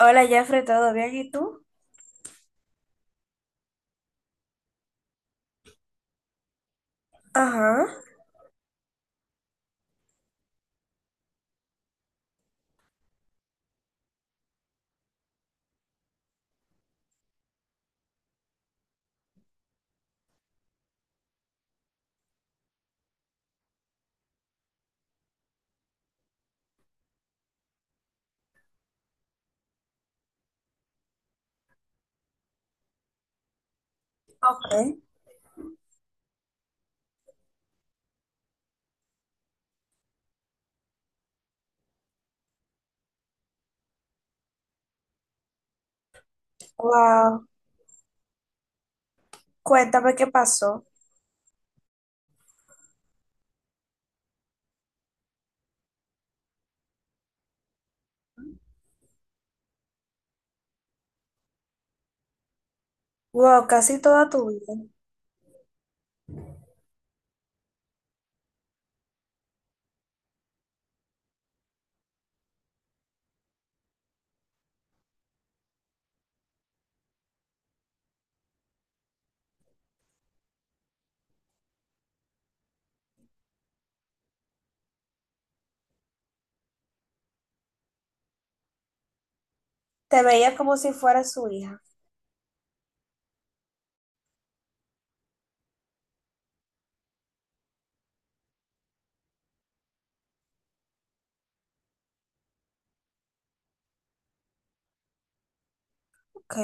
Hola, Jeffrey, ¿todo bien? ¿Y tú? Ajá, ok. Wow, cuéntame qué pasó. Wow, casi toda tu vida. Te veía como si fuera su hija. Ok,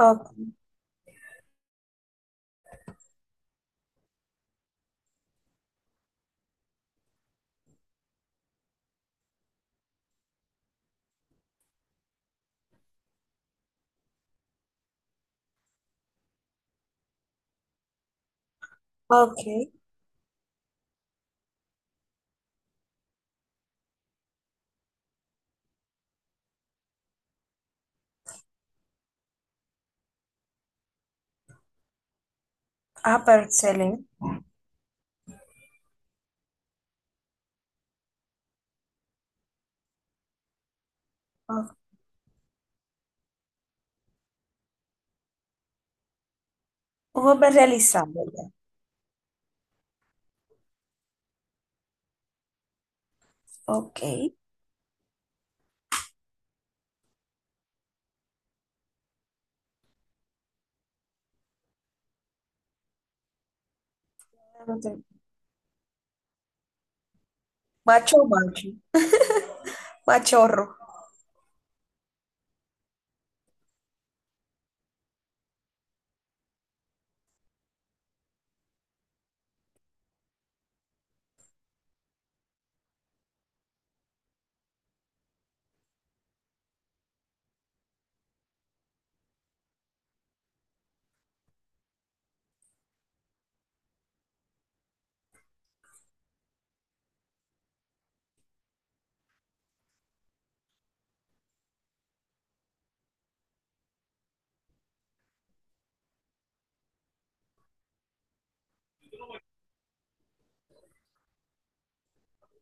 o- ok. Ah, pero excelente. Ah, un hombre realizado ya. Ok. Macho, macho. Machorro.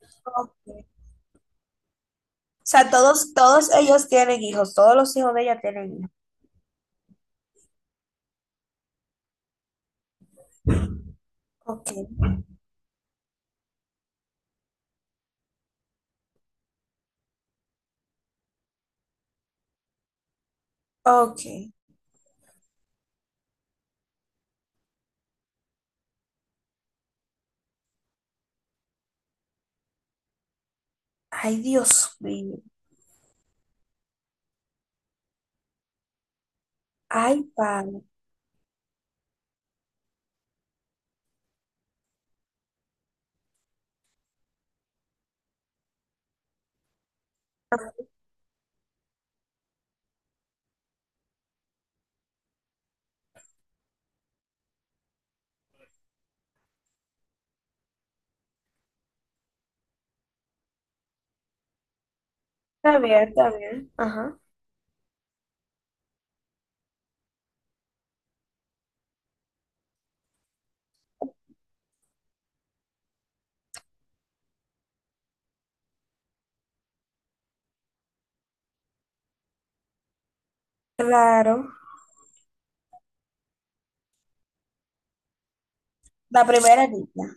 Ok. O sea, todos, todos ellos tienen hijos. Todos los hijos de ella tienen hijos. Ok, ok. Ay, Dios mío. Ay, padre. Está bien, está bien. Ajá. Claro. La primera línea.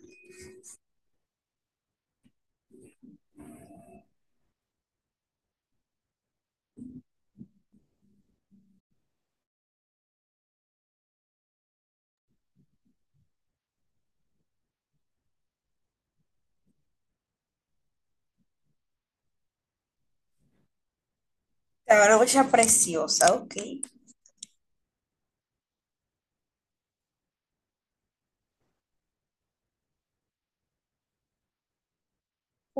Te va mucha preciosa, ok.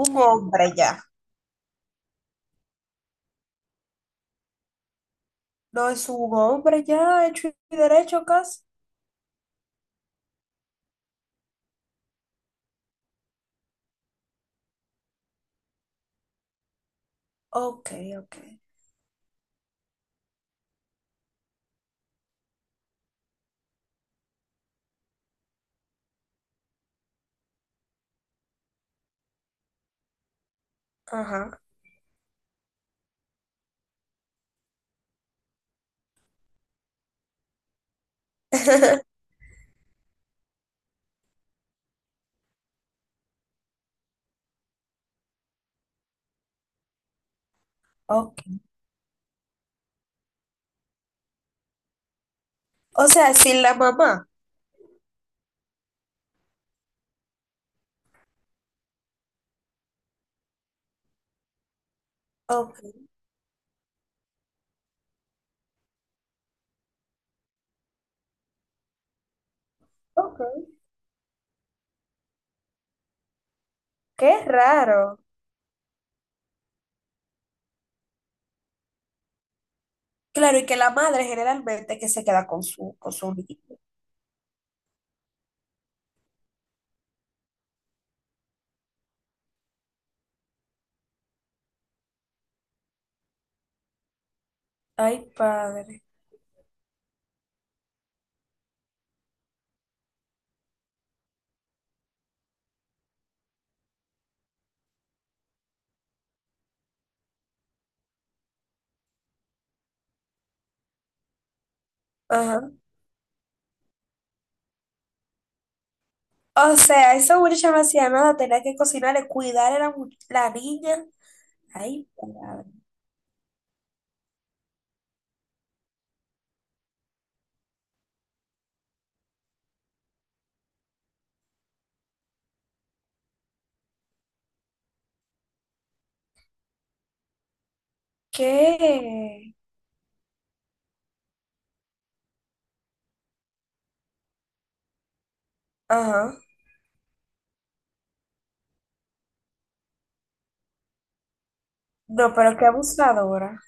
Un hombre ya. No es un hombre ya, hecho y derecho casi. Ok, ok. Ajá. Ok. O sea, sin la mamá. Ok, ok. Qué raro. Claro, y que la madre generalmente que se queda con su niño. Ay, padre. Ajá. O sea, esa muchacha no hacía nada, tenía que cocinar cuidar a la, la niña. Ay, padre. ¿Qué? Ajá. No, pero qué abusadora.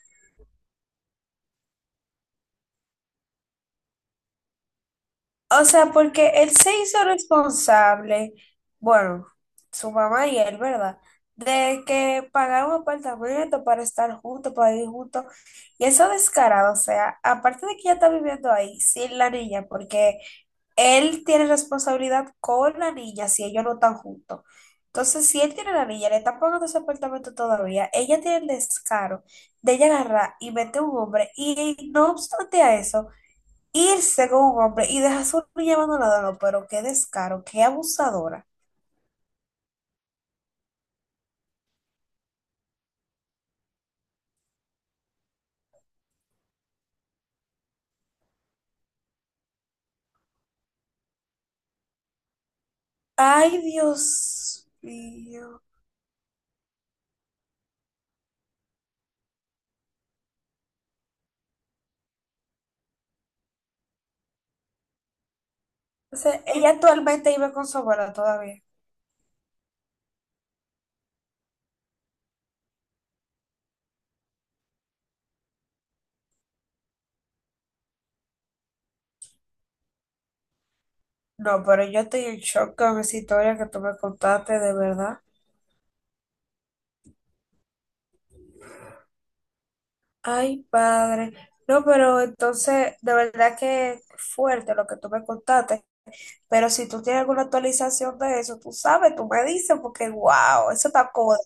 O sea, porque él se hizo responsable, bueno, su mamá y él, ¿verdad? De que pagaron un apartamento para estar juntos, para ir juntos. Y eso descarado, o sea, aparte de que ella está viviendo ahí sin la niña, porque él tiene responsabilidad con la niña si ellos no están juntos. Entonces, si él tiene a la niña, le está pagando ese apartamento todavía, ella tiene el descaro de ella agarrar y meter un hombre y no obstante a eso, irse con un hombre y dejar a su niña abandonada. No, pero qué descaro, qué abusadora. Ay, Dios mío. O sea, ella actualmente vive con su abuela todavía. No, pero yo estoy en shock con esa historia que tú me contaste, de verdad. Ay, padre. No, pero entonces, de verdad que fuerte lo que tú me contaste. Pero si tú tienes alguna actualización de eso, tú sabes, tú me dices, porque wow, eso está cómodo,